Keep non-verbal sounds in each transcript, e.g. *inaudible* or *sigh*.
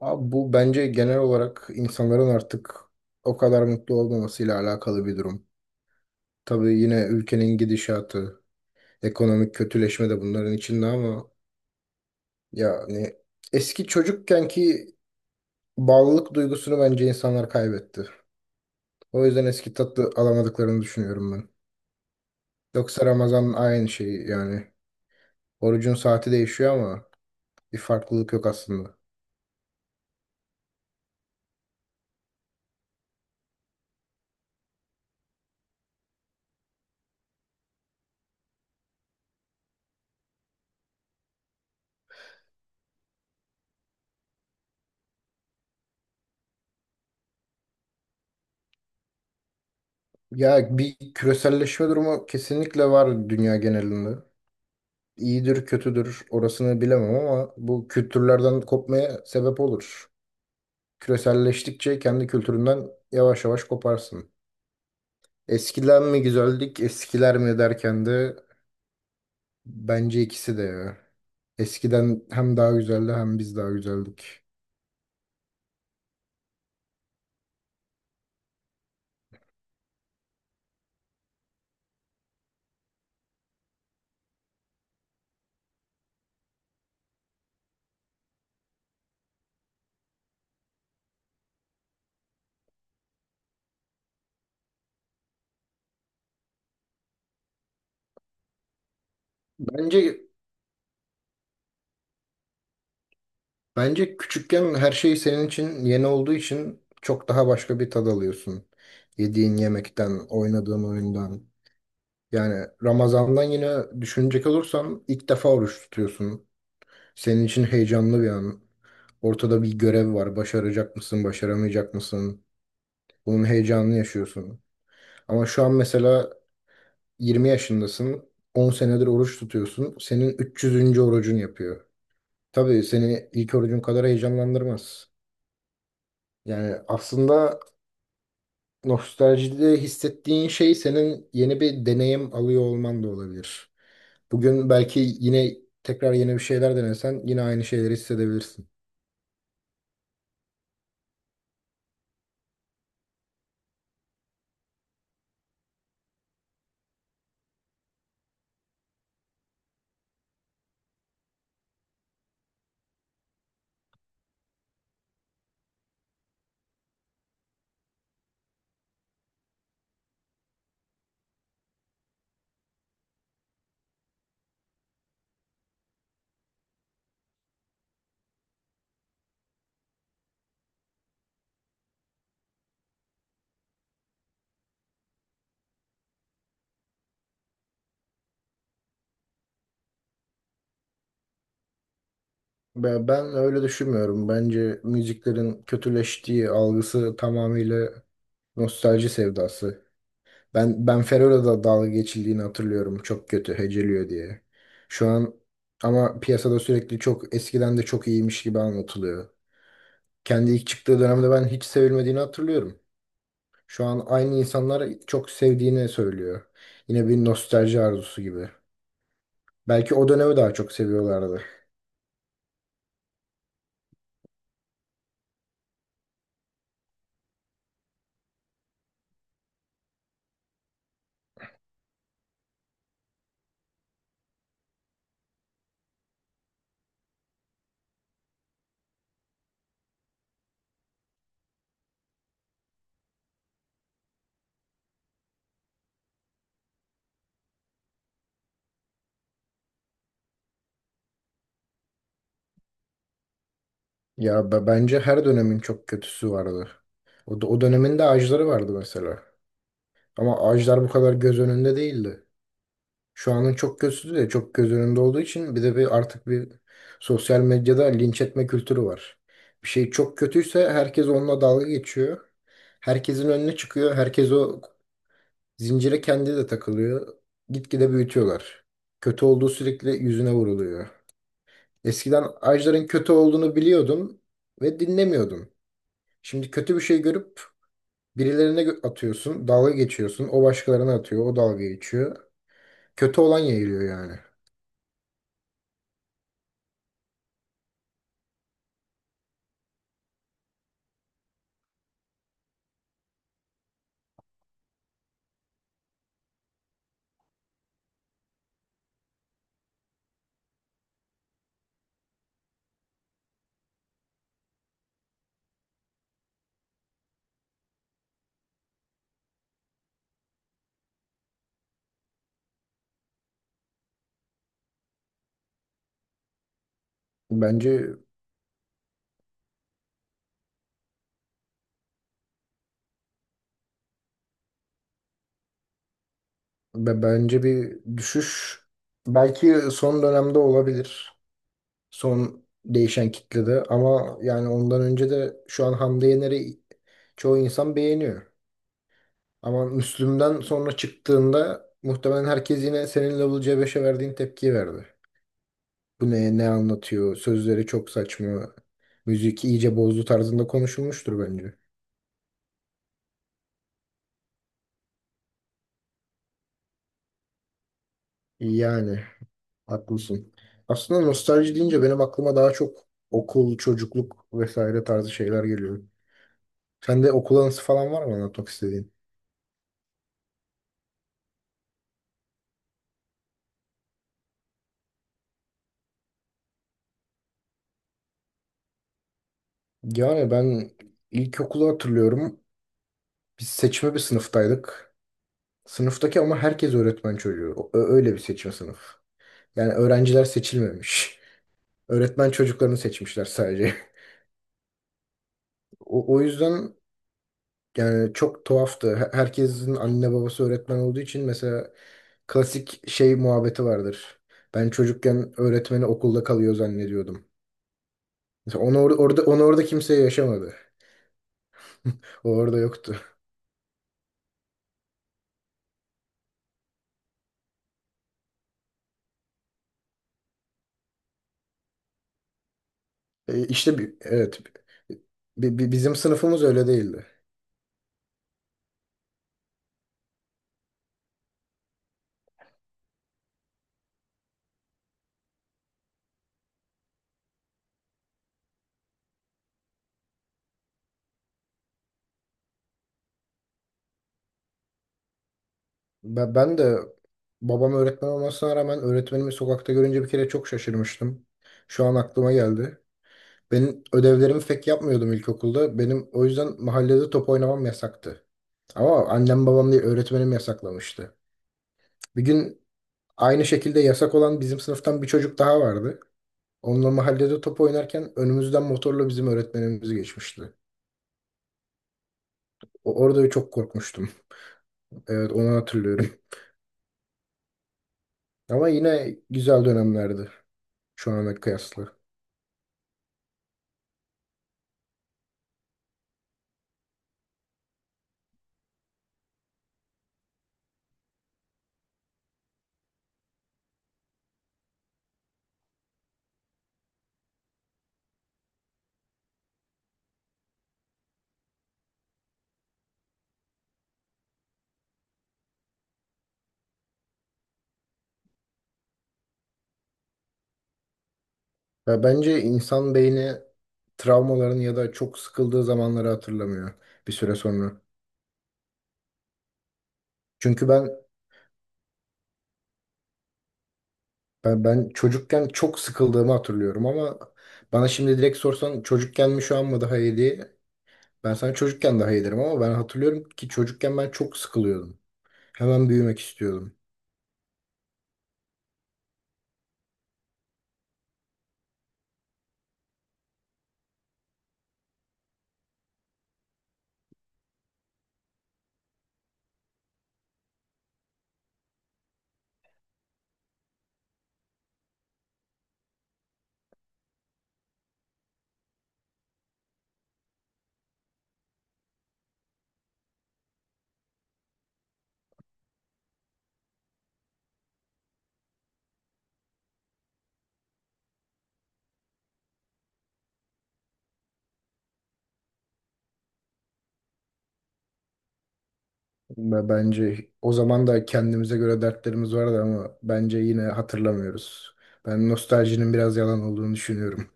Abi bu bence genel olarak insanların artık o kadar mutlu olmamasıyla alakalı bir durum. Tabii yine ülkenin gidişatı, ekonomik kötüleşme de bunların içinde ama yani eski çocukkenki bağlılık duygusunu bence insanlar kaybetti. O yüzden eski tatlı alamadıklarını düşünüyorum ben. Yoksa Ramazan aynı şey yani. Orucun saati değişiyor ama bir farklılık yok aslında. Ya bir küreselleşme durumu kesinlikle var dünya genelinde. İyidir kötüdür orasını bilemem ama bu kültürlerden kopmaya sebep olur. Küreselleştikçe kendi kültüründen yavaş yavaş koparsın. Eskiden mi güzeldik, eskiler mi derken de bence ikisi de ya. Eskiden hem daha güzeldi hem biz daha güzeldik. Bence bence küçükken her şey senin için yeni olduğu için çok daha başka bir tad alıyorsun. Yediğin yemekten, oynadığın oyundan. Yani Ramazan'dan yine düşünecek olursan ilk defa oruç tutuyorsun. Senin için heyecanlı bir an. Ortada bir görev var. Başaracak mısın, başaramayacak mısın? Bunun heyecanını yaşıyorsun. Ama şu an mesela 20 yaşındasın. 10 senedir oruç tutuyorsun. Senin 300. orucun yapıyor. Tabii seni ilk orucun kadar heyecanlandırmaz. Yani aslında nostaljide hissettiğin şey senin yeni bir deneyim alıyor olman da olabilir. Bugün belki yine tekrar yeni bir şeyler denesen yine aynı şeyleri hissedebilirsin. Ben öyle düşünmüyorum. Bence müziklerin kötüleştiği algısı tamamıyla nostalji sevdası. Ben Ben Fero'yla da dalga geçildiğini hatırlıyorum. Çok kötü heceliyor diye. Şu an ama piyasada sürekli çok eskiden de çok iyiymiş gibi anlatılıyor. Kendi ilk çıktığı dönemde ben hiç sevilmediğini hatırlıyorum. Şu an aynı insanlar çok sevdiğini söylüyor. Yine bir nostalji arzusu gibi. Belki o dönemi daha çok seviyorlardı. Bence her dönemin çok kötüsü vardı. O dönemin de ağaçları vardı mesela. Ama ağaçlar bu kadar göz önünde değildi. Şu anın çok kötüsü de çok göz önünde olduğu için bir de bir artık bir sosyal medyada linç etme kültürü var. Bir şey çok kötüyse herkes onunla dalga geçiyor. Herkesin önüne çıkıyor. Herkes o zincire kendi de takılıyor. Gitgide büyütüyorlar. Kötü olduğu sürekli yüzüne vuruluyor. Eskiden ağaçların kötü olduğunu biliyordum ve dinlemiyordum. Şimdi kötü bir şey görüp atıyorsun, dalga geçiyorsun. O başkalarına atıyor, o dalga geçiyor. Kötü olan yayılıyor yani. Bence bence bir düşüş belki son dönemde olabilir. Son değişen kitlede ama yani ondan önce de şu an Hande Yener'i çoğu insan beğeniyor. Ama Müslüm'den sonra çıktığında muhtemelen herkes yine senin Level C5'e verdiğin tepkiyi verdi. Bu ne, ne anlatıyor? Sözleri çok saçma. Müzik iyice bozdu tarzında konuşulmuştur bence. Yani haklısın. Aslında nostalji deyince benim aklıma daha çok okul, çocukluk vesaire tarzı şeyler geliyor. Sende okul anısı falan var mı anlatmak istediğin? Yani ben ilkokulu hatırlıyorum. Biz seçme bir sınıftaydık. Sınıftaki ama herkes öğretmen çocuğu. Öyle bir seçme sınıf. Yani öğrenciler seçilmemiş. *laughs* Öğretmen çocuklarını seçmişler sadece. *laughs* O yüzden yani çok tuhaftı. Herkesin anne babası öğretmen olduğu için mesela klasik şey muhabbeti vardır. Ben çocukken öğretmeni okulda kalıyor zannediyordum. Mesela onu orada kimse yaşamadı. O orada yoktu. *laughs* Evet, bizim sınıfımız öyle değildi. Ben de babam öğretmen olmasına rağmen öğretmenimi sokakta görünce bir kere çok şaşırmıştım. Şu an aklıma geldi. Benim ödevlerimi pek yapmıyordum ilkokulda. Benim o yüzden mahallede top oynamam yasaktı. Ama annem babam değil öğretmenim yasaklamıştı. Bir gün aynı şekilde yasak olan bizim sınıftan bir çocuk daha vardı. Onunla mahallede top oynarken önümüzden motorla bizim öğretmenimiz geçmişti. Orada çok korkmuştum. Evet onu hatırlıyorum. *laughs* Ama yine güzel dönemlerdi şu ana kıyasla. Ya bence insan beyni travmaların ya da çok sıkıldığı zamanları hatırlamıyor bir süre sonra. Çünkü ben Ben çocukken çok sıkıldığımı hatırlıyorum ama bana şimdi direkt sorsan çocukken mi şu an mı daha iyiydi? Ben sana çocukken daha iyi derim ama ben hatırlıyorum ki çocukken ben çok sıkılıyordum. Hemen büyümek istiyordum. Ve bence o zaman da kendimize göre dertlerimiz vardı ama bence yine hatırlamıyoruz. Ben nostaljinin biraz yalan olduğunu düşünüyorum.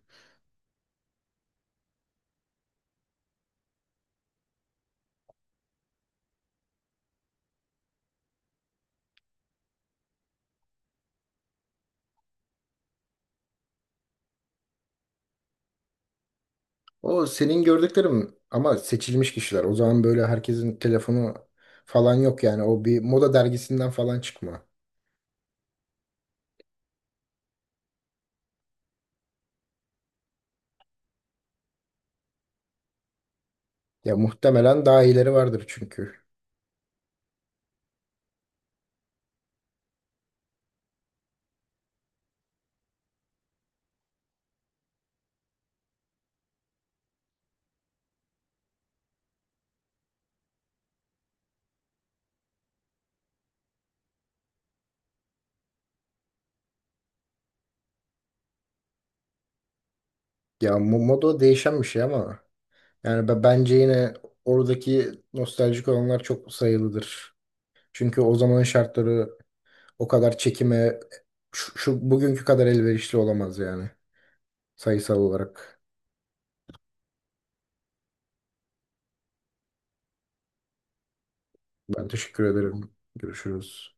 O senin gördüklerim ama seçilmiş kişiler. O zaman böyle herkesin telefonu falan yok yani. O bir moda dergisinden falan çıkma. Ya muhtemelen daha iyileri vardır çünkü. Moda değişen bir şey ama yani bence yine oradaki nostaljik olanlar çok sayılıdır. Çünkü o zamanın şartları o kadar çekime şu bugünkü kadar elverişli olamaz yani sayısal olarak. Ben teşekkür ederim. Görüşürüz.